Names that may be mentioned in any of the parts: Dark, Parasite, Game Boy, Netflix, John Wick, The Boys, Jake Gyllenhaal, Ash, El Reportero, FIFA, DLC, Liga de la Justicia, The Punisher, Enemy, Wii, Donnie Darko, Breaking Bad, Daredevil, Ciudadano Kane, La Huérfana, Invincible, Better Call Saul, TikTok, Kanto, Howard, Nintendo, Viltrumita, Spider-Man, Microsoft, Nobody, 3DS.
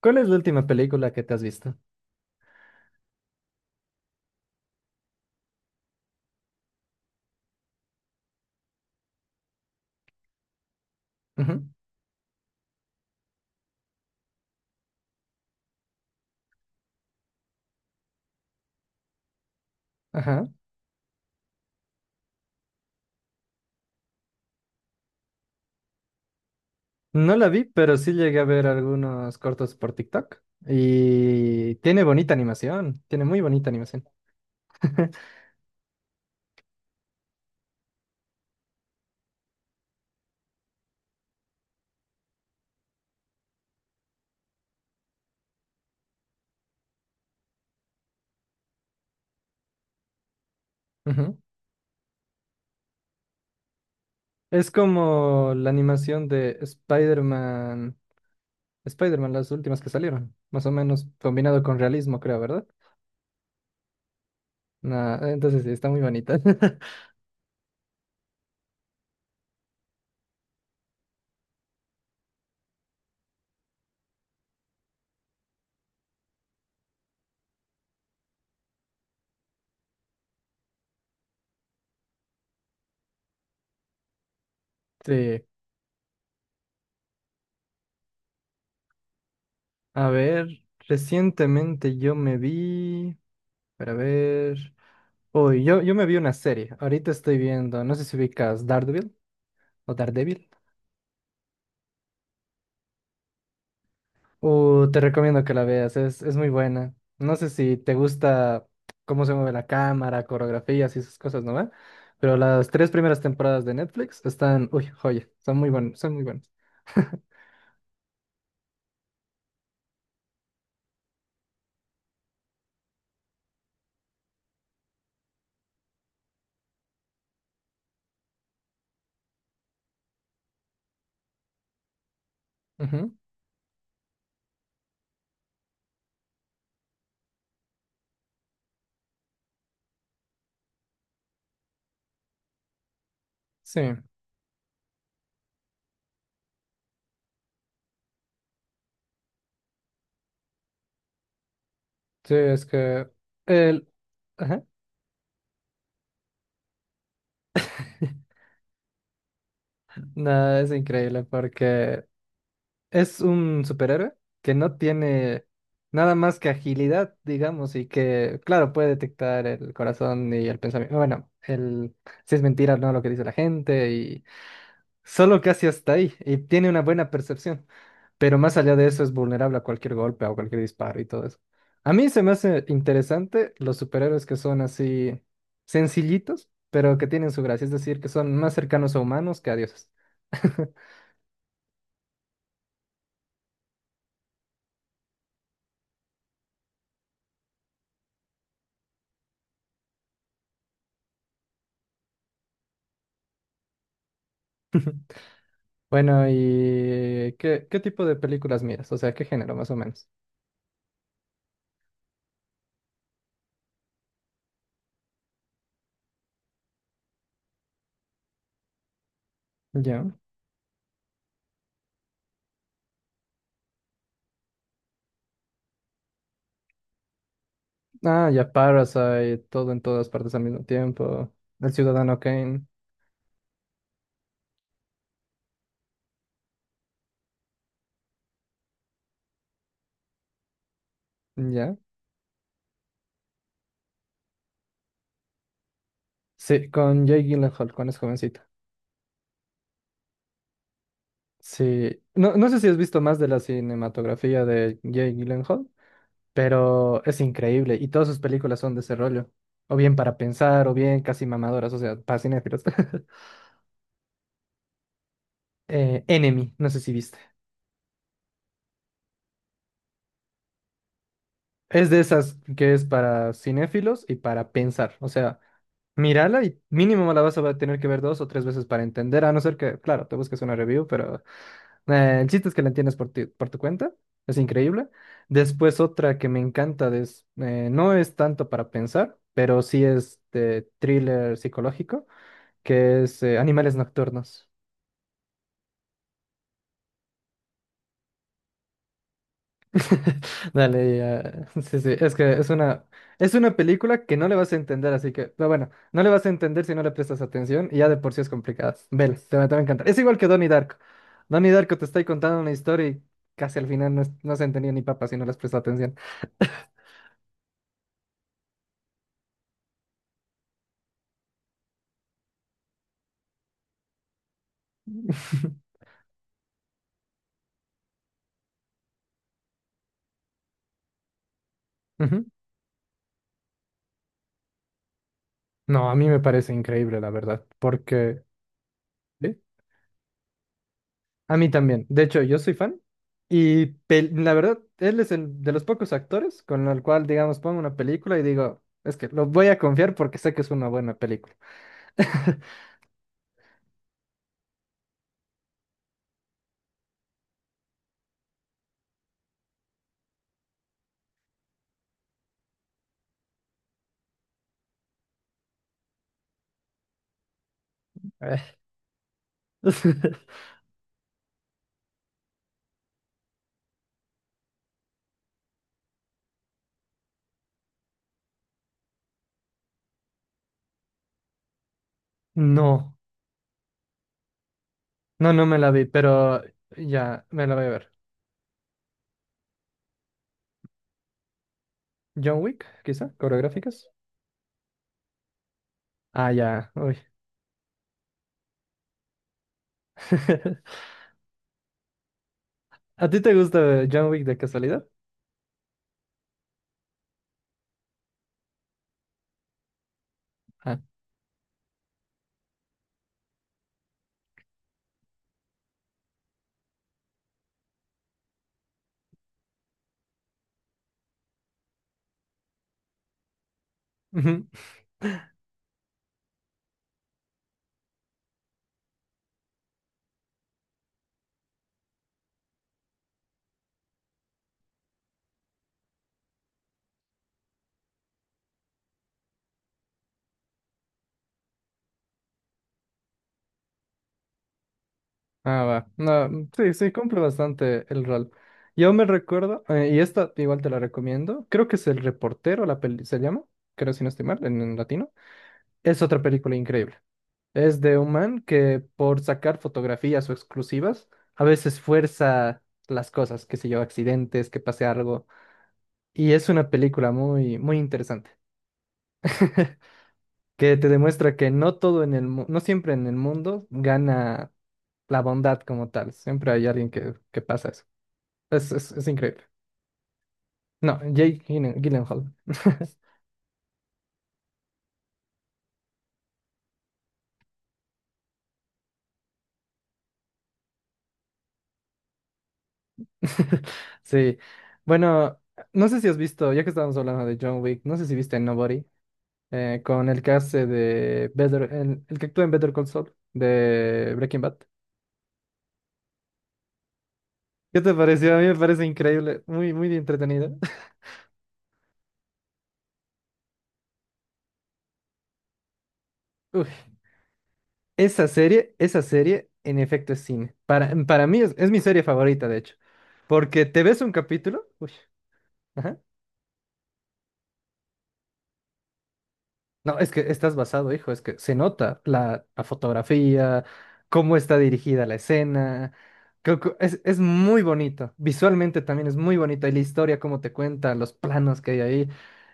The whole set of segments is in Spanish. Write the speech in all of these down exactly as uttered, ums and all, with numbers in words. ¿Cuál es la última película que te has visto? Ujú. Ajá. No la vi, pero sí llegué a ver algunos cortos por TikTok. Y tiene bonita animación, tiene muy bonita animación. Ujú. Es como la animación de Spider-Man, Spider-Man, las últimas que salieron, más o menos combinado con realismo, creo, ¿verdad? Nah, entonces sí, está muy bonita. Sí, a ver, recientemente yo me vi, para ver. Uy, yo, yo me vi una serie. Ahorita estoy viendo, no sé si ubicas Daredevil o Daredevil. Uh, te recomiendo que la veas, es, es muy buena. No sé si te gusta cómo se mueve la cámara, coreografías y esas cosas, ¿no ve? Pero las tres primeras temporadas de Netflix están, uy, joya, son muy buenas, son muy buenas. Ujú. Sí, sí, es que el... Ajá. No, es increíble porque es un superhéroe que no tiene nada más que agilidad, digamos, y que, claro, puede detectar el corazón y el pensamiento. Bueno, el si es mentira o no lo que dice la gente, y solo casi hasta ahí, y tiene una buena percepción, pero más allá de eso es vulnerable a cualquier golpe o cualquier disparo y todo eso. A mí se me hace interesante los superhéroes que son así sencillitos, pero que tienen su gracia, es decir, que son más cercanos a humanos que a dioses. Bueno, ¿y qué, qué tipo de películas miras? O sea, ¿qué género más o menos? Ya. Ah, ya Parasite, todo en todas partes al mismo tiempo. El Ciudadano Kane, ya. Sí, con Jake Gyllenhaal, cuando es jovencita. Sí, no, no sé si has visto más de la cinematografía de Jake Gyllenhaal, pero es increíble y todas sus películas son de ese rollo. O bien para pensar, o bien casi mamadoras, o sea, para cinéfilos. Eh, Enemy, no sé si viste. Es de esas que es para cinéfilos y para pensar. O sea, mírala y mínimo la vas a tener que ver dos o tres veces para entender, a no ser que, claro, te busques una review, pero eh, el chiste es que la entiendes por ti- por tu cuenta. Es increíble. Después otra que me encanta de es, eh, no es tanto para pensar, pero sí es de thriller psicológico, que es eh, Animales Nocturnos. Dale, ya. Sí, sí, es que es una, es una película que no le vas a entender, así que, pero bueno, no le vas a entender si no le prestas atención y ya de por sí es complicada. Vela, te va, te va a encantar. Es igual que Donnie Darko. Donnie Darko te está contando una historia y casi al final no, es- no se entendía ni papa si no les prestas atención. Ujú. No, a mí me parece increíble, la verdad, porque... ¿Sí? A mí también. De hecho, yo soy fan. Y pel- la verdad, él es el de los pocos actores con el cual, digamos, pongo una película y digo, es que lo voy a confiar porque sé que es una buena película. Eh, No, no, no me la vi, pero ya me la voy a ver. John Wick, quizá, coreográficas. Ah, ya, uy. ¿A ti te gusta John Wick de casualidad? Ah. Ujú. Ah, va. No, mm, sí, sí, cumple bastante el rol. Yo me recuerdo, eh, y esta igual te la recomiendo, creo que es El Reportero, la peli se llama, creo si no estoy mal, en, en latino. Es otra película increíble. Es de un man que por sacar fotografías o exclusivas, a veces fuerza las cosas, que se yo, accidentes, que pase algo. Y es una película muy, muy interesante, que te demuestra que no todo en el, mu- no siempre en el mundo gana la bondad como tal, siempre hay alguien que, que pasa eso. Es, es, es increíble. No, Jake Gyllen- Gyllenhaal. Sí. Bueno, no sé si has visto, ya que estábamos hablando de John Wick, no sé si viste Nobody, eh, con el que hace de Better, el, el que actúa en Better Call Saul de Breaking Bad. ¿Qué te pareció? A mí me parece increíble, muy, muy entretenida. Uy, Esa serie, esa serie, en efecto, es cine. Para, para mí es, es mi serie favorita, de hecho. Porque te ves un capítulo. Uy, ajá. No, es que estás basado, hijo, es que se nota la, la fotografía, cómo está dirigida la escena. Creo que Es, es muy bonito. Visualmente también es muy bonito. Y la historia, cómo te cuenta, los planos que hay ahí.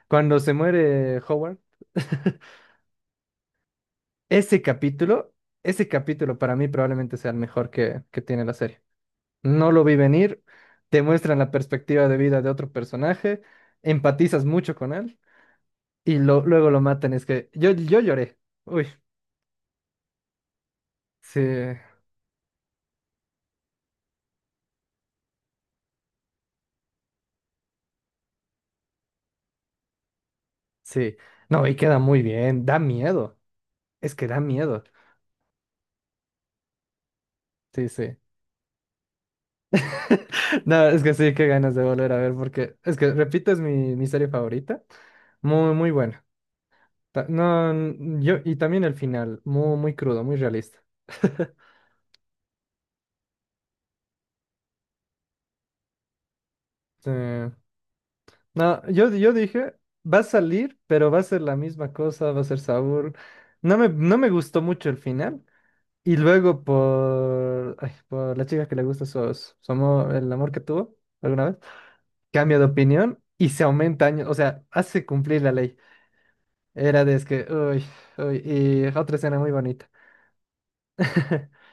Cuando se muere Howard, ese capítulo, ese capítulo para mí probablemente sea el mejor que, que tiene la serie. No lo vi venir, te muestran la perspectiva de vida de otro personaje, empatizas mucho con él y lo- luego lo matan. Es que yo, yo lloré. Uy, sí. Sí, no, y queda muy bien, da miedo, es que da miedo, sí, sí. No, es que sí, qué ganas de volver a ver, porque es que, repito, es mi, mi serie favorita, muy, muy buena. Ta- No, n- yo, y también el final, muy, muy crudo, muy realista. Sí. No, yo, yo dije, va a salir, pero va a ser la misma cosa, va a ser sabor. No me, no me gustó mucho el final. Y luego por, ay, por la chica que le gusta su, su amor, el amor que tuvo alguna vez. Cambia de opinión y se aumenta años, o sea, hace cumplir la ley. Era de es que, uy, uy, y otra escena muy bonita.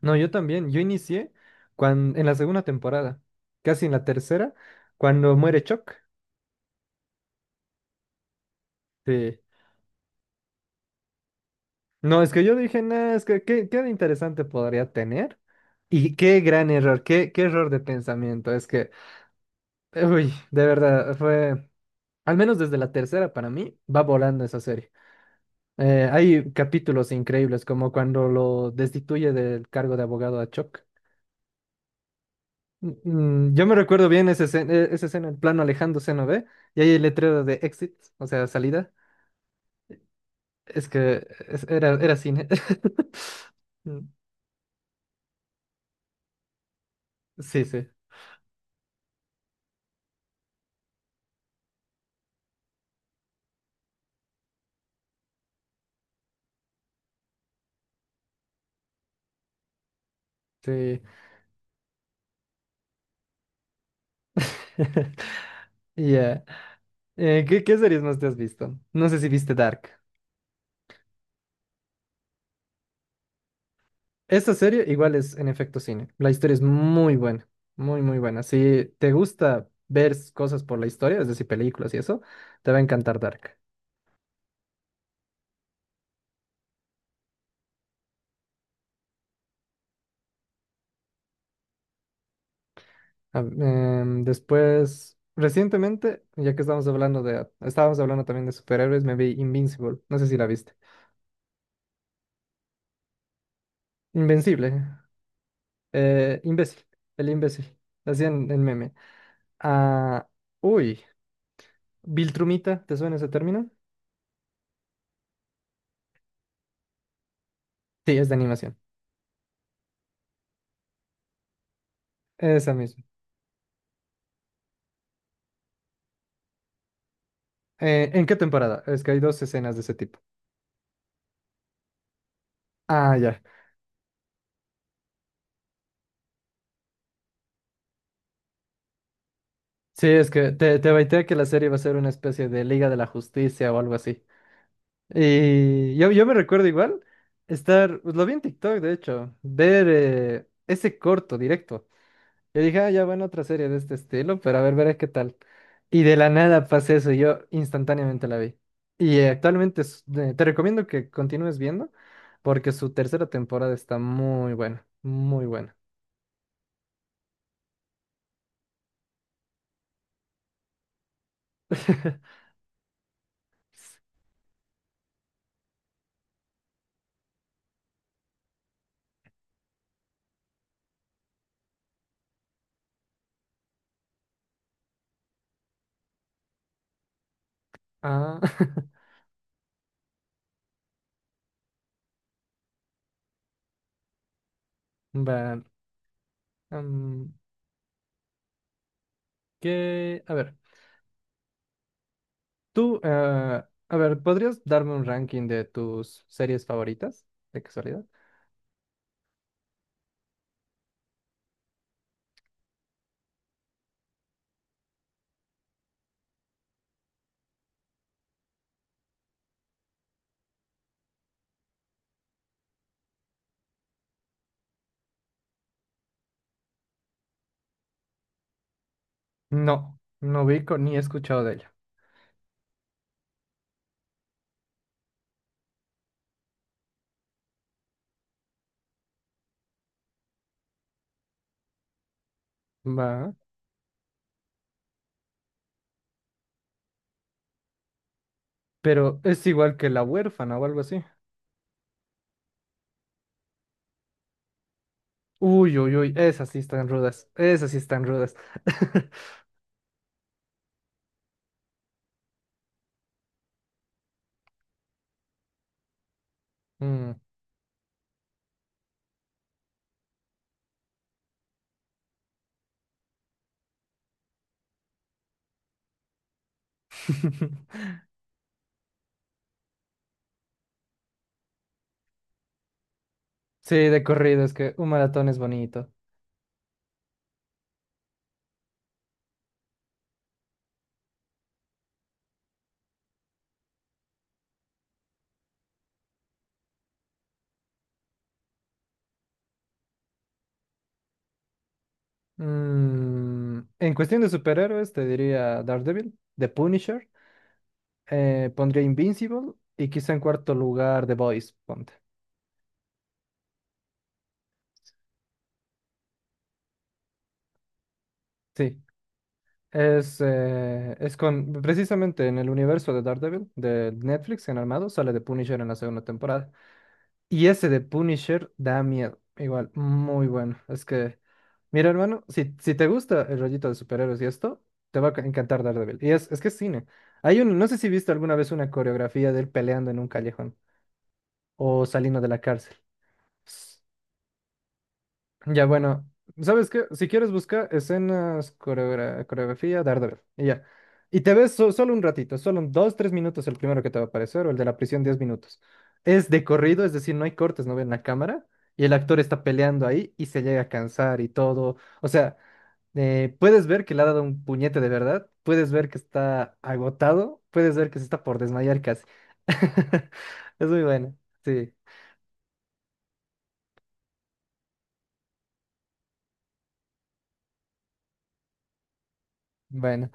No, yo también, yo inicié cuando, en la segunda temporada, casi en la tercera, cuando muere Chuck. Sí. No, es que yo dije, nada, es que qué, qué de interesante podría tener. Y qué gran error, qué, qué error de pensamiento. Es que, uy, de verdad, fue, al menos desde la tercera para mí, va volando esa serie. Eh, hay capítulos increíbles, como cuando lo destituye del cargo de abogado a Chuck. Mm, mm, yo me recuerdo bien esa escena, eh, esa escena, el plano alejándose, ¿no ve? Y hay el letrero de exit, o sea, salida. Es que es- era, era cine. Mm, sí, sí, sí. Ya. Eh, ¿qué, qué series más te has visto? No sé si viste Dark. Esta serie igual es en efecto cine. La historia es muy buena, muy, muy buena. Si te gusta ver s- cosas por la historia, es decir, películas y eso, te va a encantar Dark. Ah, em, después, recientemente, ya que estábamos hablando de, estábamos hablando también de superhéroes, me vi Invincible. No sé si la viste. Invencible. Eh, imbécil. El imbécil. Hacían el meme. Ah, uy. Viltrumita, ¿te suena ese término? Sí, es de animación. Esa misma. Eh, ¿en qué temporada? Es que hay dos escenas de ese tipo. Ah, ya. Sí, es que te, te baité que la serie va a ser una especie de Liga de la Justicia o algo así. Y yo, yo me recuerdo igual estar, pues, lo vi en TikTok, de hecho, ver eh, ese corto directo. Yo dije, ah, ya bueno, otra serie de este estilo, pero a ver, veré qué tal. Y de la nada pasé eso, y yo instantáneamente la vi. Y eh, actualmente es- eh, te recomiendo que continúes viendo, porque su tercera temporada está muy buena, muy buena. Ah, va. mm, Que, a ver, tú, eh, a ver, ¿podrías darme un ranking de tus series favoritas, de casualidad? No, no ubico ni he escuchado de ella. Va, pero es igual que La Huérfana o algo así. Uy, uy, uy, esas sí están rudas, esas sí están rudas. Mm. Sí, de corrido, es que un maratón es bonito. Mm, En cuestión de superhéroes, te diría Daredevil, The Punisher. Eh, pondría Invincible y quizá en cuarto lugar The Boys, ponte. Sí, es, eh, es con, precisamente en el universo de Daredevil, de Netflix, en Armado, sale The Punisher en la segunda temporada. Y ese de Punisher da miedo, igual, muy bueno. Es que, mira hermano, si, si te gusta el rollito de superhéroes y esto, te va a encantar Daredevil. Y es, es que es cine. Hay un, no sé si viste alguna vez una coreografía de él peleando en un callejón o saliendo de la cárcel. Ya, bueno, ¿sabes qué? Si quieres busca escenas, coreogra- coreografía, Daredevil, y ya. Y te ves so- solo un ratito, solo un dos, tres minutos el primero que te va a aparecer, o el de la prisión, diez minutos. Es de corrido, es decir, no hay cortes, no ven la cámara, y el actor está peleando ahí y se llega a cansar y todo. O sea, eh, puedes ver que le ha dado un puñete de verdad, puedes ver que está agotado, puedes ver que se está por desmayar casi. Es muy bueno, sí, bueno.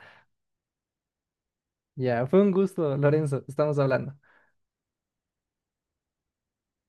Ya, fue un gusto, Lorenzo, estamos hablando.